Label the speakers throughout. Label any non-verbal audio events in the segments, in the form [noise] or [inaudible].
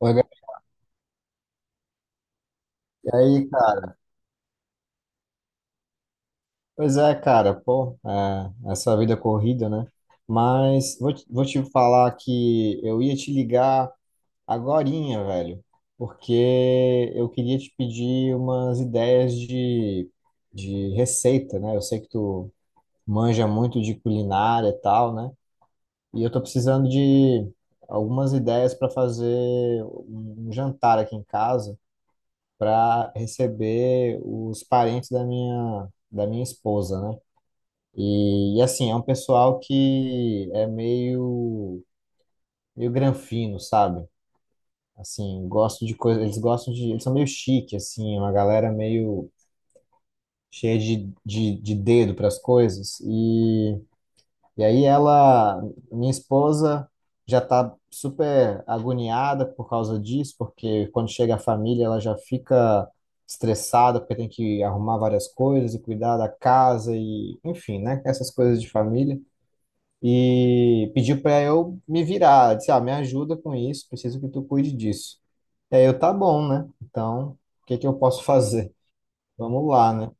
Speaker 1: Oi, Gabi. E aí, cara? Pois é, cara, pô, essa vida corrida, né? Mas vou te falar que eu ia te ligar agorinha, velho, porque eu queria te pedir umas ideias de receita, né? Eu sei que tu manja muito de culinária e tal, né? E eu tô precisando de algumas ideias para fazer um jantar aqui em casa. Para receber os parentes da minha esposa, né? Assim, é um pessoal que é meio granfino, sabe? Assim, gosto de coisa, eles são meio chique, assim, uma galera meio cheia de dedo para as coisas. E aí ela, minha esposa, já está super agoniada por causa disso, porque quando chega a família ela já fica estressada, porque tem que arrumar várias coisas e cuidar da casa e, enfim, né? Essas coisas de família. E pediu para eu me virar. Ela disse, ah, me ajuda com isso, preciso que tu cuide disso. E aí eu, tá bom, né? Então, o que que eu posso fazer? Vamos lá, né?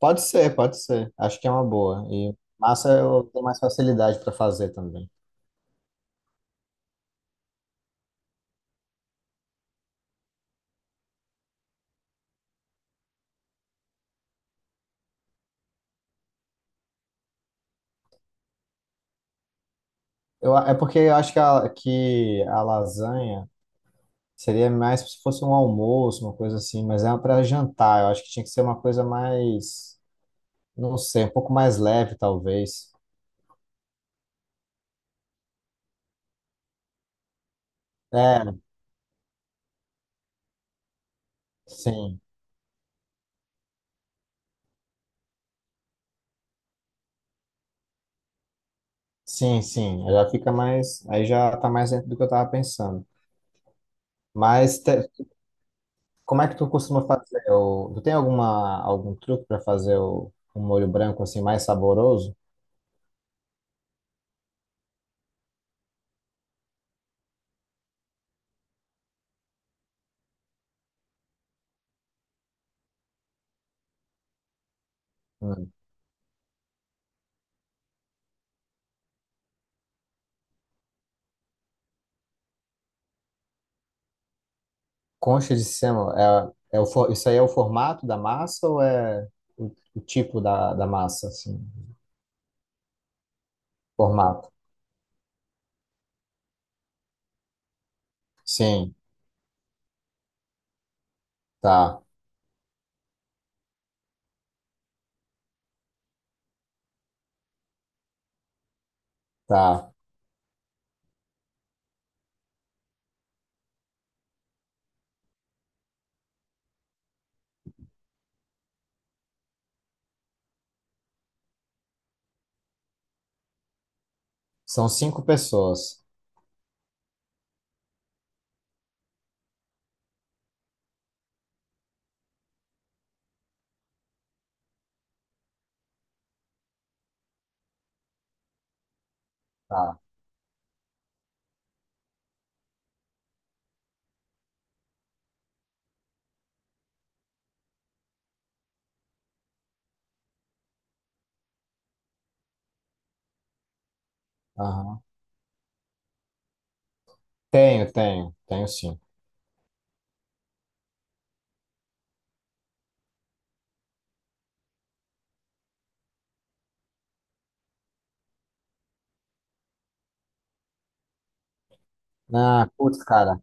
Speaker 1: Pode ser, pode ser. Acho que é uma boa. E massa eu tenho mais facilidade para fazer também. Eu, é porque eu acho que que a lasanha seria mais se fosse um almoço, uma coisa assim, mas é para jantar. Eu acho que tinha que ser uma coisa mais, não sei, um pouco mais leve, talvez. É, sim, sim, sim. Já fica mais, aí já tá mais dentro do que eu tava pensando. Mas como é que tu costuma fazer? O, tu tem alguma, algum truque para fazer um molho branco assim mais saboroso? Hum. Concha de sêmola, é isso aí é o formato da massa ou é o tipo da massa, assim? Formato. Sim, tá, tá. São cinco pessoas. Tá, aham. Tenho, tenho, tenho sim. Ah, putz, cara,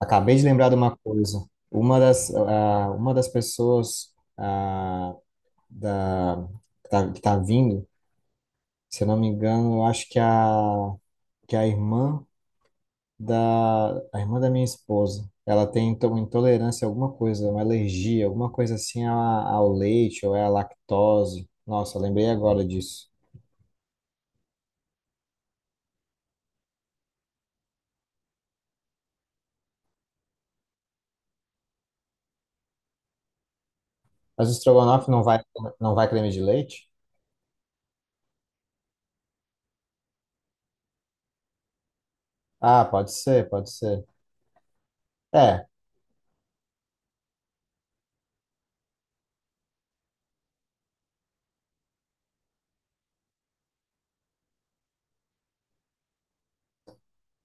Speaker 1: acabei de lembrar de uma coisa. Uma das pessoas da, que tá vindo, se eu não me engano, eu acho que é que é a irmã da minha esposa. Ela tem então intolerância a alguma coisa, uma alergia, alguma coisa ao leite ou é à lactose. Nossa, lembrei agora disso. Mas o estrogonofe não vai creme de leite? Ah, pode ser, pode ser. É,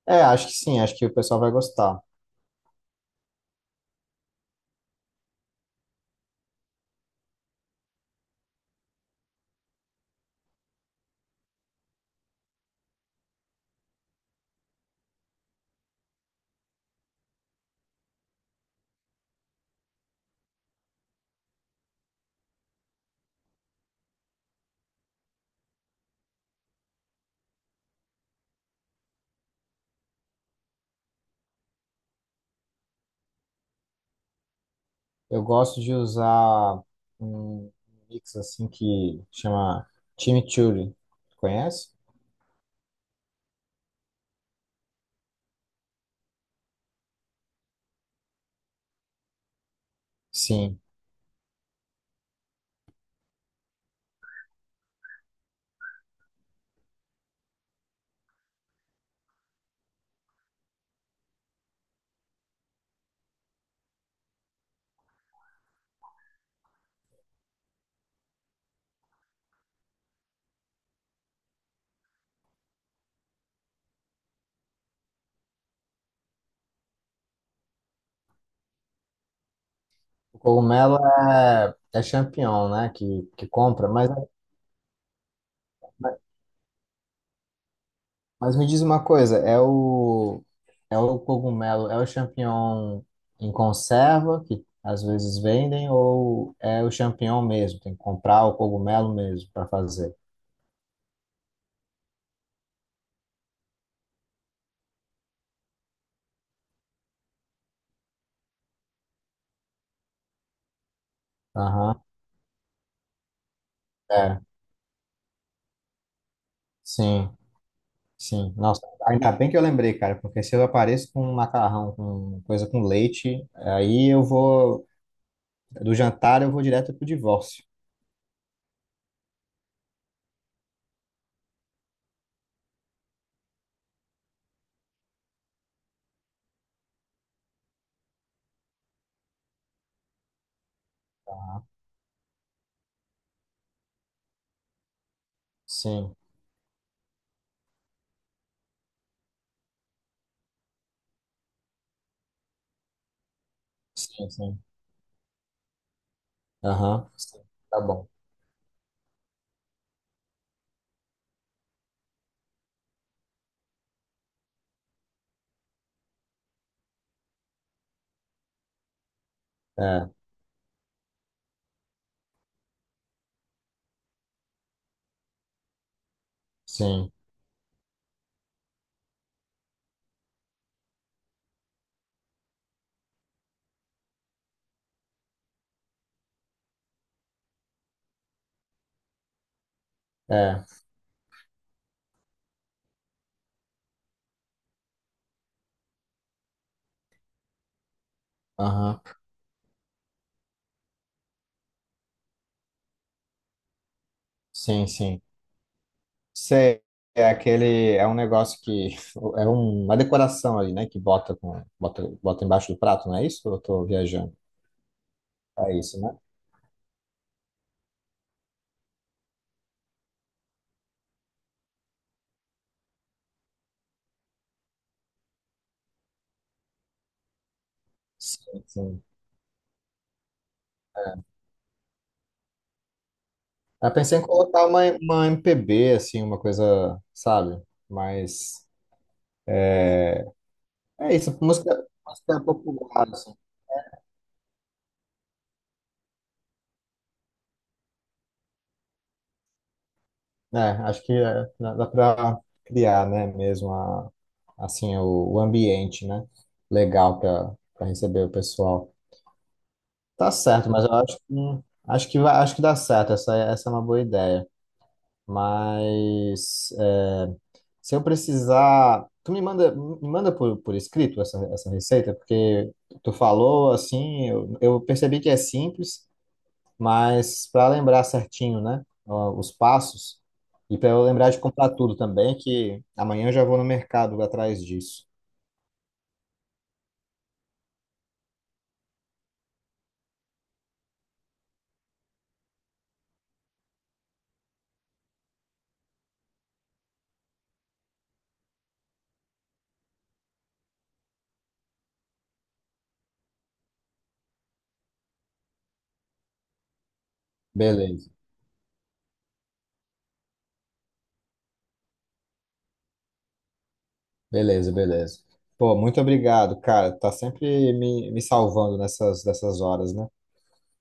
Speaker 1: acho que sim, acho que o pessoal vai gostar. Eu gosto de usar um mix assim que chama chimichurri. Conhece? Sim. O cogumelo é, é champignon, né? Que compra, mas é. Mas me diz uma coisa, é o cogumelo, é o champignon em conserva que às vezes vendem ou é o champignon mesmo? Tem que comprar o cogumelo mesmo para fazer. Aham. É. Sim, sim. Nossa, ainda bem que eu lembrei, cara, porque se eu apareço com um macarrão, com coisa com leite, aí eu vou do jantar eu vou direto pro divórcio. Aham. Sim, sim, sim. Aham. Sim. Tá bom. É, sim. É. Aham. Sim, sim. Sei, é aquele, é um negócio que [laughs] é um, uma decoração ali, né? Que bota com, bota embaixo do prato, não é isso? Ou eu tô viajando. É isso, né? Sim, sim. Eu pensei em colocar uma MPB, assim, uma coisa, sabe? Mas é, é isso, música, música é popular, assim. É, acho que é, dá pra criar, né? Mesmo a, assim, o ambiente, né? Legal para receber o pessoal. Tá certo, mas eu acho que acho que acho que dá certo. Essa é uma boa ideia. Mas é, se eu precisar, tu me manda por escrito essa receita, porque tu falou assim, eu percebi que é simples, mas para lembrar certinho, né, ó, os passos e para eu lembrar de comprar tudo também, que amanhã eu já vou no mercado atrás disso. Beleza. Beleza, beleza. Pô, muito obrigado, cara. Tá sempre me salvando nessas, nessas horas, né?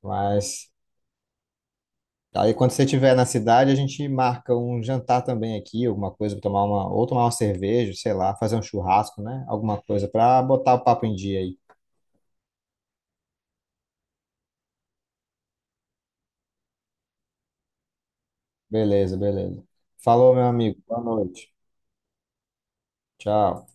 Speaker 1: Mas aí quando você estiver na cidade, a gente marca um jantar também aqui, alguma coisa, tomar uma, ou tomar uma cerveja, sei lá, fazer um churrasco, né? Alguma coisa pra botar o papo em dia aí. Beleza, beleza. Falou, meu amigo. Boa noite. Tchau.